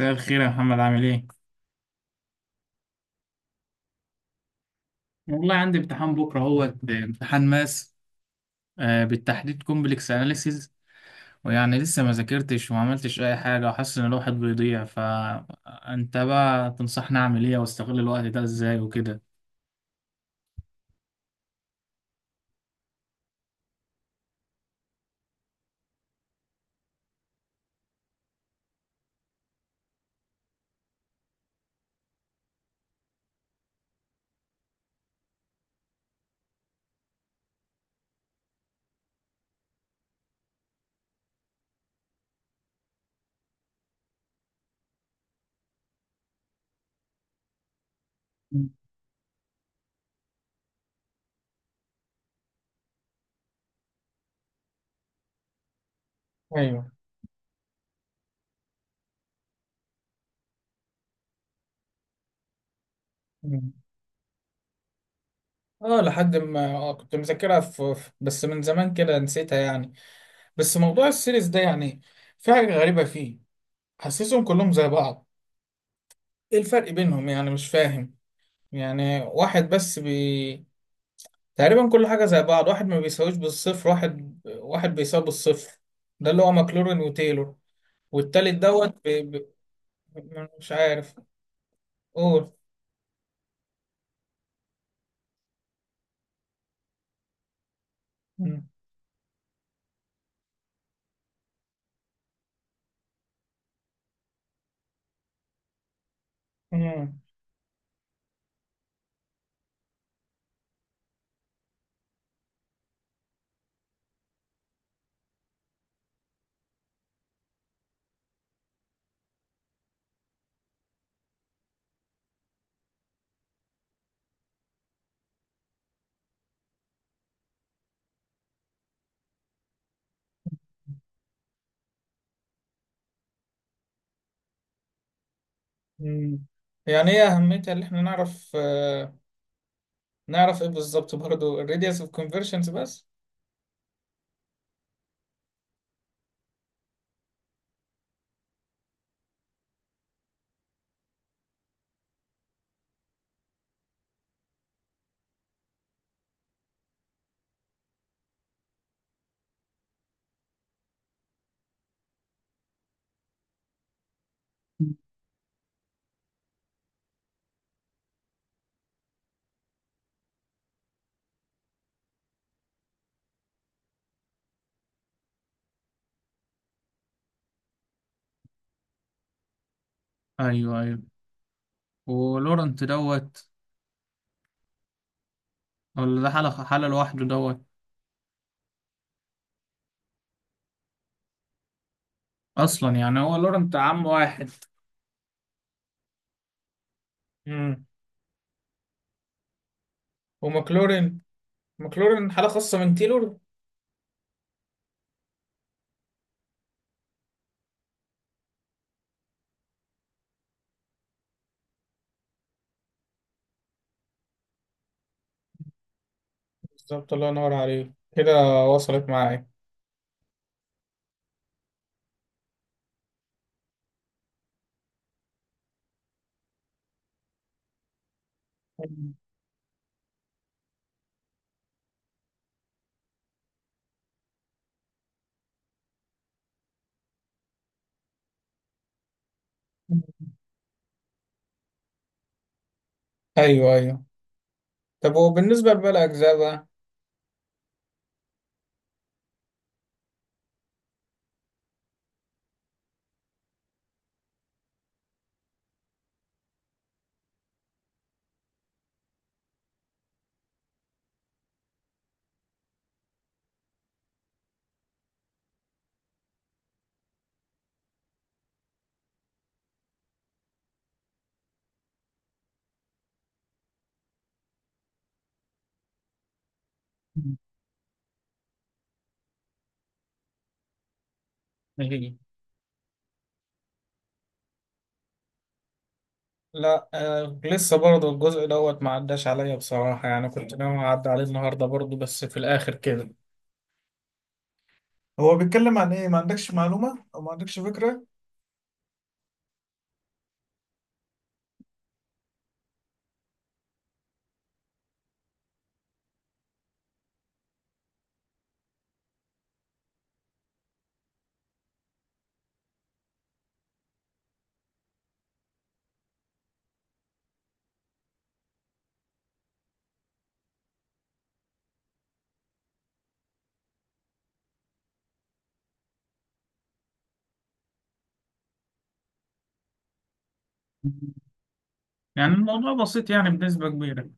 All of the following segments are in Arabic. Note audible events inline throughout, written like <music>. مساء الخير يا محمد، عامل ايه؟ والله عندي امتحان بكره اهوت امتحان ماس، آه، بالتحديد كومبلكس اناليسيز. ويعني لسه ما ذاكرتش وما عملتش اي حاجه وحاسس ان الواحد بيضيع، فانت بقى تنصحني اعمل ايه واستغل الوقت ده ازاي وكده. ايوه. مم. اه لحد ما كنت مذاكرها بس من زمان كده نسيتها يعني. بس موضوع السيريز ده يعني في حاجة غريبة فيه، حاسسهم كلهم زي بعض. ايه الفرق بينهم يعني؟ مش فاهم. يعني واحد بس تقريبا كل حاجة زي بعض، واحد ما بيساويش بالصفر، واحد واحد بيساوي بالصفر، ده اللي هو ماكلورين وتايلور. والتالت مش عارف قول. مم. مم. مم. يعني ايه أهميتها؟ اللي احنا نعرف، نعرف ايه بالظبط برضه؟ الراديوس اوف كونفرجنس بس. ايوه ايوه. ولورنت ولا ده حالة لوحده اصلا؟ يعني هو لورنت عم واحد. مم. وماكلورين، ماكلورين حالة خاصة من تايلور. بالظبط، الله ينور عليك كده. وصلت معايا. ايوه ايوه. طب وبالنسبه لباقي الاجزاء بقى؟ ايه؟ لا لسه برضه الجزء ما عداش عليا بصراحه، يعني كنت ناوي اعدي عليه النهارده برضه، بس في الاخر كده هو بيتكلم عن ايه؟ ما عندكش معلومه او ما عندكش فكره؟ يعني الموضوع بسيط يعني بنسبة كبيرة إن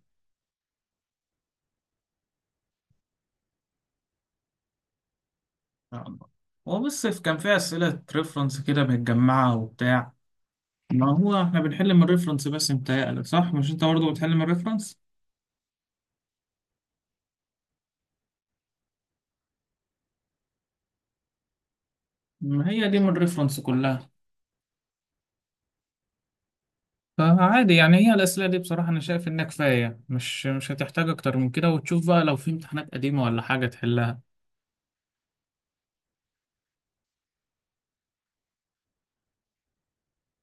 شاء الله. هو بس كان فيه أسئلة ريفرنس كده متجمعة وبتاع. ما هو احنا بنحل من الريفرنس بس، متهيألك صح؟ مش انت برضه بتحل من الريفرنس؟ ما هي دي من الريفرنس كلها. فعادي يعني. هي الأسئلة دي بصراحة أنا شايف إنها كفاية، مش هتحتاج أكتر من كده، وتشوف بقى لو في امتحانات قديمة ولا حاجة تحلها.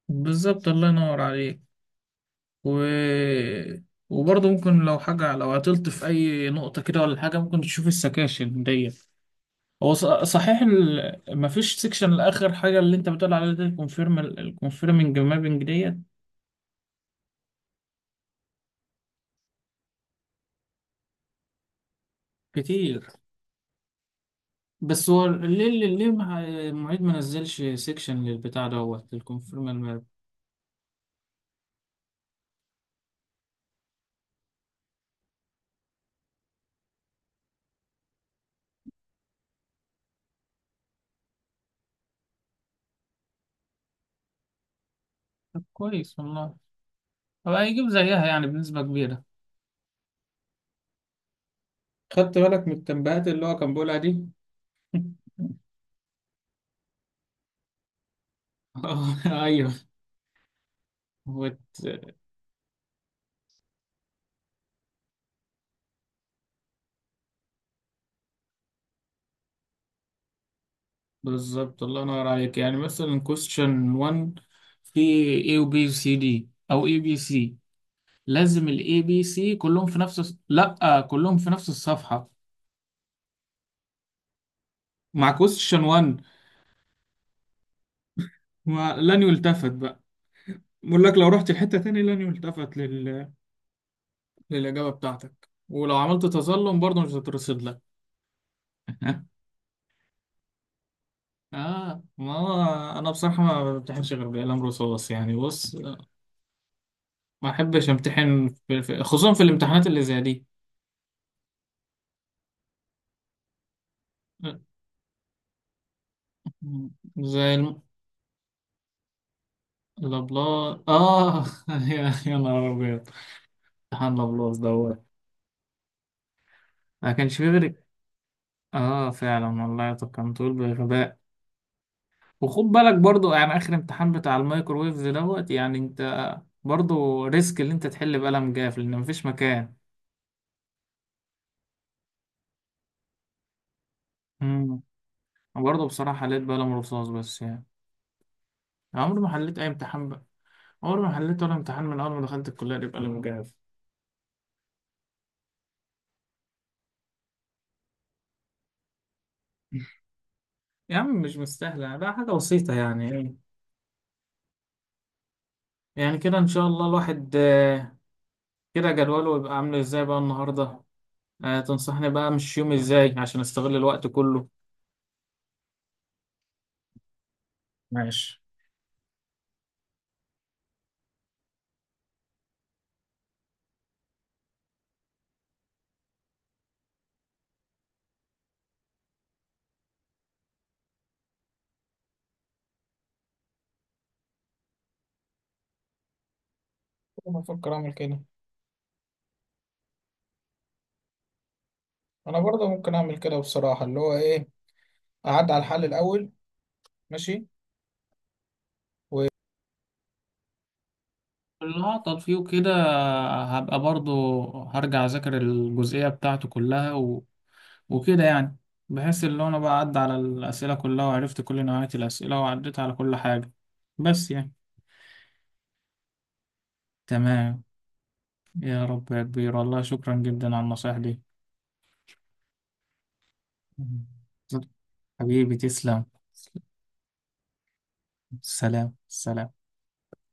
بالظبط، الله ينور عليك. و... وبرضه ممكن لو حاجة، لو عطلت في أي نقطة كده ولا حاجة، ممكن تشوف السكاشن دي. هو صحيح مفيش سكشن لآخر حاجة اللي أنت بتقول عليها دي، الكونفيرم الكونفيرمنج مابنج ديت، كتير. بس هو ليه المعيد ما نزلش سيكشن للبتاع للكونفيرم؟ طب كويس والله. هو هيجيب زيها يعني بنسبة كبيرة. خدت بالك من التنبيهات اللي هو كان بيقولها دي؟ <laughs> اه. ايوه. هو بالظبط، الله ينور عليك. يعني مثلا question 1 في A و B و C D أو A B C لازم ال A B C كلهم في نفس لأ، كلهم في نفس الصفحة مع question 1. لن يلتفت بقى. بقول لك لو رحت لحتة تاني لن يلتفت للإجابة بتاعتك، ولو عملت تظلم برضه مش هترصد لك. <laughs> اه. ما هو انا بصراحه ما بمتحنش غير بالقلم رصاص يعني، بص، ما احبش امتحن في خصوصا في الامتحانات اللي زي دي. زي الابلاط، اه. <laughs> يا نهار ابيض. امتحان الابلاط ما كانش فيه غير. اه فعلا والله. طب كان طول بغباء. وخد بالك برضو يعني، اخر امتحان بتاع الميكروويفز يعني انت برضو ريسك اللي انت تحل بقلم جاف لان مفيش مكان. امم برضه بصراحه حليت بقلم رصاص بس يعني. عمري ما حليت اي امتحان، عمري ما حليت ولا امتحان من أول ما دخلت الكلية دي بقلم مجهز. يا عم مش مستاهلة بقى، حاجة بسيطة يعني. يعني كده إن شاء الله الواحد، كده جدوله يبقى عامل إزاي بقى النهاردة؟ تنصحني بقى مش يوم إزاي عشان أستغل الوقت كله؟ ماشي. انا بفكر اعمل كده. انا برضه ممكن اعمل كده بصراحه، اللي هو ايه، اعدي على الحل الاول. ماشي. و... اللي هعطل فيه كده هبقى برضو هرجع أذاكر الجزئية بتاعته كلها، وكده يعني، بحيث اللي انا بقى عدى على الأسئلة كلها وعرفت كل نوعية الأسئلة وعديت على كل حاجة بس يعني. تمام. يا رب يا كبير، والله شكرا جدا على النصايح دي. مم. حبيبي تسلم. سلام سلام.